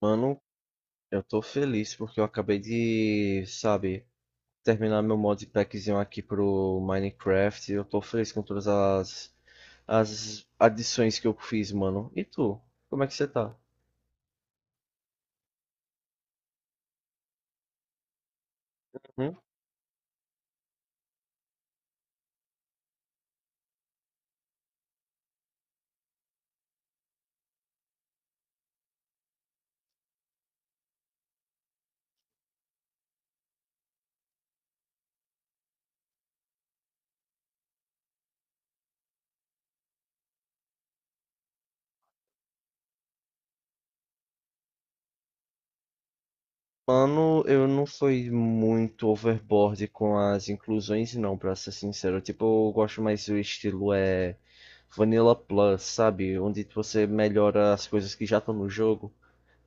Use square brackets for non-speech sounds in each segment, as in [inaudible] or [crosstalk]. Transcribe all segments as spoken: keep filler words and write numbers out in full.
Mano, eu tô feliz porque eu acabei de, sabe, terminar meu modpackzinho aqui pro Minecraft. Eu tô feliz com todas as, as adições que eu fiz, mano. E tu? Como é que você tá? Hum? Mano, eu não fui muito overboard com as inclusões, não, pra ser sincero. Tipo, eu gosto mais do estilo é Vanilla Plus, sabe? Onde você melhora as coisas que já estão no jogo.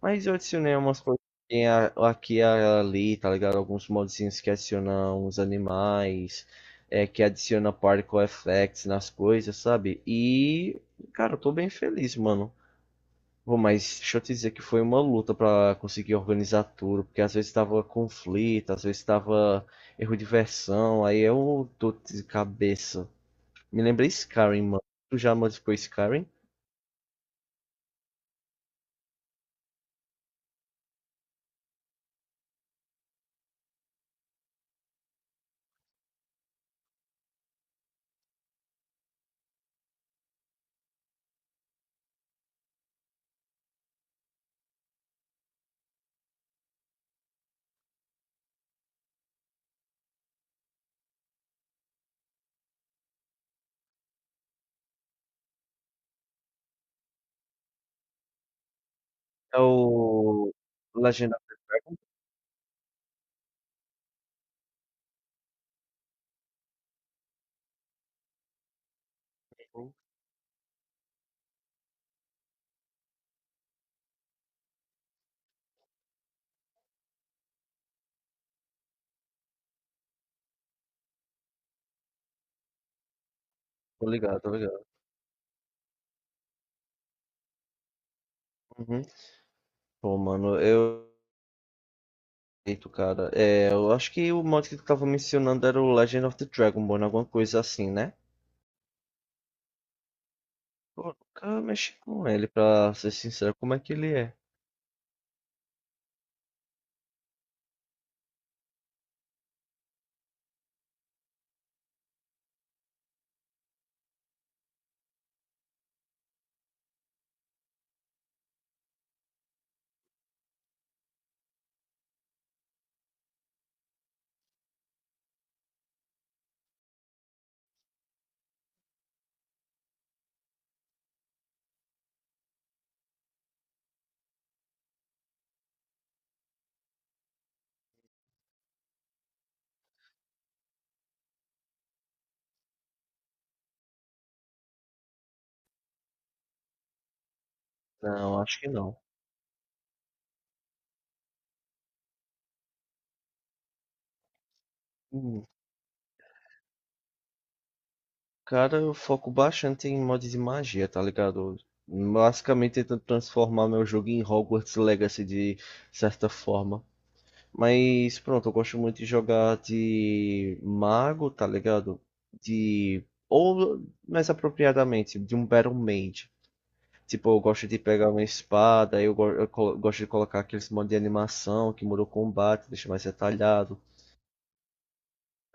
Mas eu adicionei umas coisas que tem a- aqui e ali, tá ligado? Alguns modzinhos que adicionam uns animais, é, que adiciona particle effects nas coisas, sabe? E, cara, eu tô bem feliz, mano. Pô, mas deixa eu te dizer que foi uma luta pra conseguir organizar tudo, porque às vezes tava conflito, às vezes tava erro de versão, aí eu tô de cabeça. Me lembrei Skyrim, mano. Tu já modificou Skyrim? É o Legend of Runeterra, tô ligado, tô ligado. Uhum. Pô, mano, eu. Eito, cara. É, eu acho que o mod que tu tava mencionando era o Legend of the Dragonborn, alguma coisa assim, né? Pô, nunca mexi com ele, pra ser sincero. Como é que ele é? Não, acho que não. Hum, Cara, eu foco bastante em mod de magia, tá ligado? Basicamente tentando transformar meu jogo em Hogwarts Legacy de certa forma. Mas pronto, eu gosto muito de jogar de mago, tá ligado? De. Ou mais apropriadamente, de um Battle Mage. Tipo, eu gosto de pegar uma espada, eu, go- eu co- gosto de colocar aqueles modos de animação que muda o combate, deixa mais detalhado.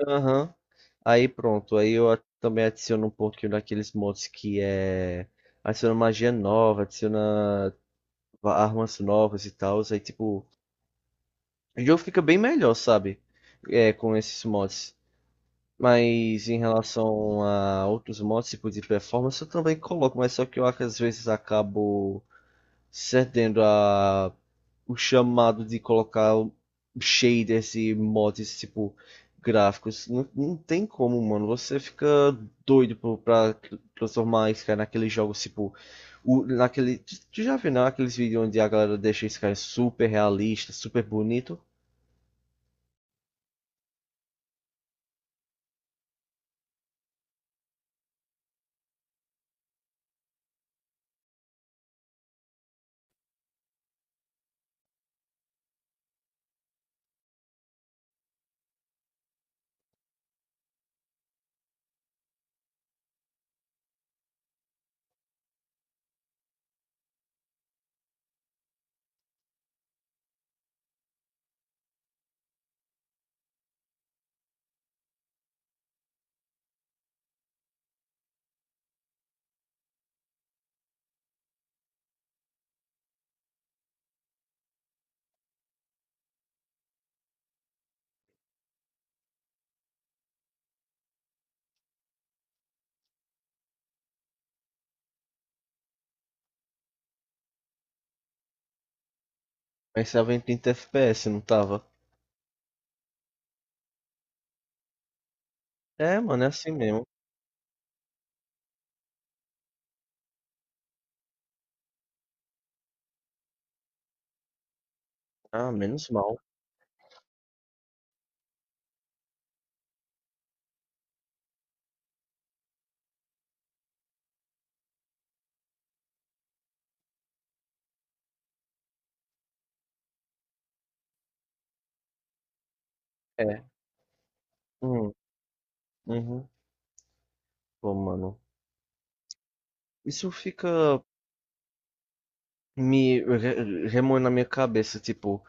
Aham. Aí pronto, aí eu a- também adiciono um pouquinho daqueles mods que é. Adiciona magia nova, adiciona va- armas novas e tal. Aí tipo, o jogo fica bem melhor, sabe? É, com esses mods. Mas em relação a outros mods, tipo de performance, eu também coloco, mas só que eu às vezes acabo cedendo a o chamado de colocar shaders e mods tipo gráficos. Não, não tem como, mano. Você fica doido por- pra transformar Sky naqueles jogos tipo. O, naquele, tu já viu, né? Aqueles vídeos onde a galera deixa Sky super realista, super bonito. Mas tava em trinta F P S, não tava? É, mano, é assim mesmo. Ah, menos mal. É. Hum, uhum. Pô, mano. Isso fica me re- remoi na minha cabeça, tipo,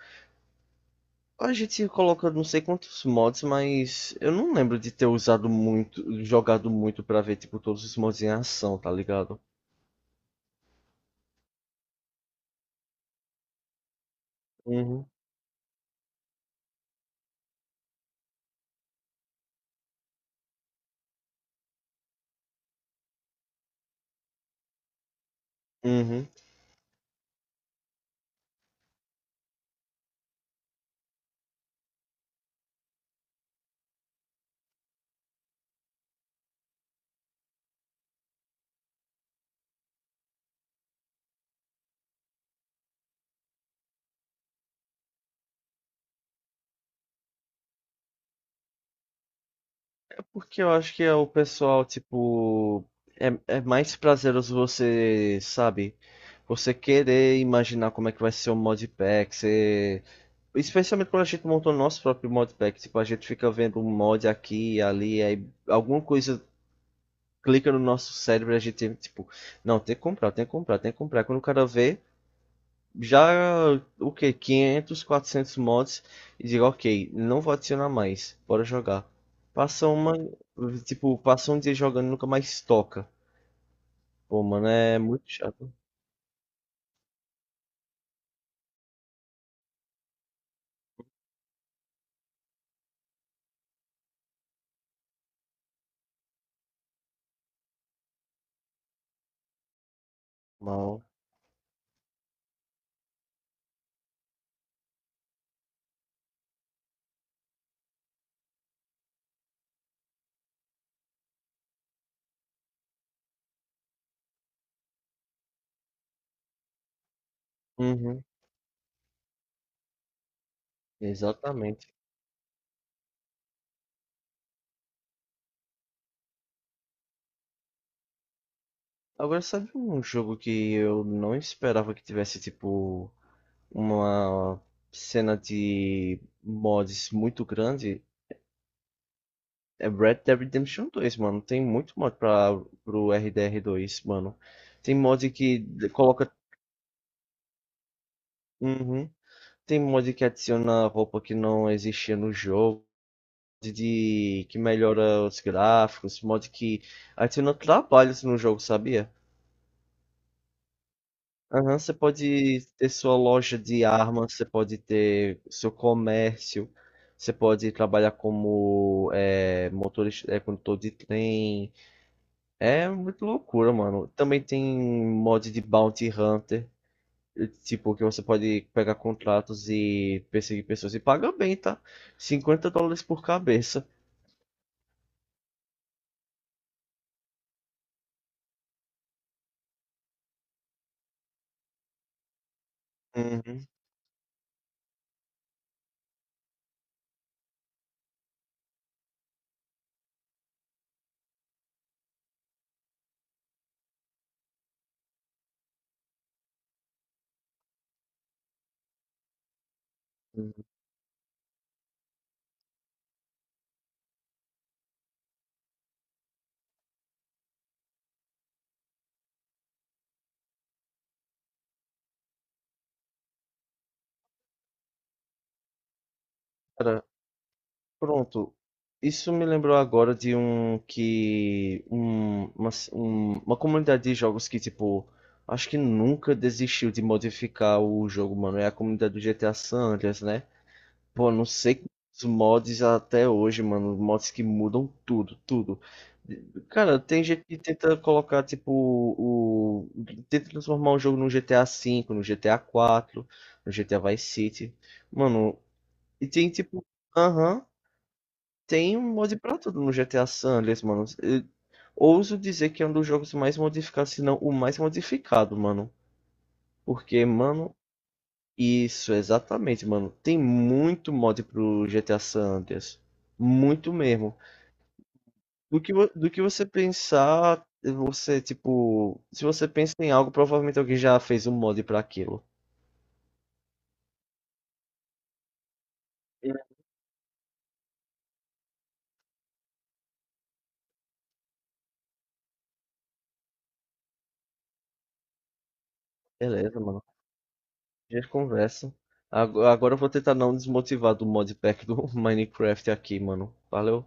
a gente coloca não sei quantos mods, mas eu não lembro de ter usado muito, jogado muito pra ver, tipo, todos os mods em ação, tá ligado? Uhum. Uhum. É, porque eu acho que é o pessoal, tipo, é, é mais prazeroso você, sabe? Você querer imaginar como é que vai ser o modpack, você. Especialmente quando a gente montou o nosso próprio modpack, tipo, a gente fica vendo um mod aqui e ali, aí alguma coisa clica no nosso cérebro e a gente, tipo, não, tem que comprar, tem que comprar, tem que comprar. Quando o cara vê, já, o que, quinhentos, quatrocentos mods e digo, ok, não vou adicionar mais, bora jogar. Passa uma, tipo, passa um dia jogando e nunca mais toca. Pô, mano, é muito chato. Mal. Uhum, exatamente. Agora, sabe um jogo que eu não esperava que tivesse, tipo, uma cena de mods muito grande? É Red Dead Redemption dois, mano. Tem muito mod pra, pro R D R dois, mano. Tem mod que d- coloca. Uhum. Tem mod que adiciona roupa que não existia no jogo. Mod de, que melhora os gráficos. Mod que adiciona trabalhos no jogo, sabia? Aham, você pode ter sua loja de armas, você pode ter seu comércio, você pode trabalhar como é, motorista, é, condutor de trem. É muito loucura, mano. Também tem mod de Bounty Hunter, eh, tipo, que você pode pegar contratos e perseguir pessoas e paga bem, tá? Cinquenta dólares por cabeça. Uhum. Cara, pronto. Isso me lembrou agora de um que. um- uma, um- uma comunidade de jogos que, tipo, acho que nunca desistiu de modificar o jogo, mano. É a comunidade do G T A San Andreas, né? Pô, não sei os mods até hoje, mano. Mods que mudam tudo, tudo. Cara, tem gente que tenta colocar, tipo, o. Tenta transformar um jogo no G T A cinco, no G T A quatro, no GTA Vice City. Mano, e tem, tipo. Aham, tem um mod pra tudo no G T A San Andreas, mano. Eu ouso dizer que é um dos jogos mais modificados, se não o mais modificado, mano. Porque, mano, isso, exatamente, mano. Tem muito mod pro G T A San Andreas. Muito mesmo. Do que, vo- do que você pensar, você, tipo, se você pensa em algo, provavelmente alguém já fez um mod pra aquilo. Beleza, mano. A gente conversa. Ago- Agora eu vou tentar não desmotivar do modpack do [laughs] Minecraft aqui, mano. Valeu.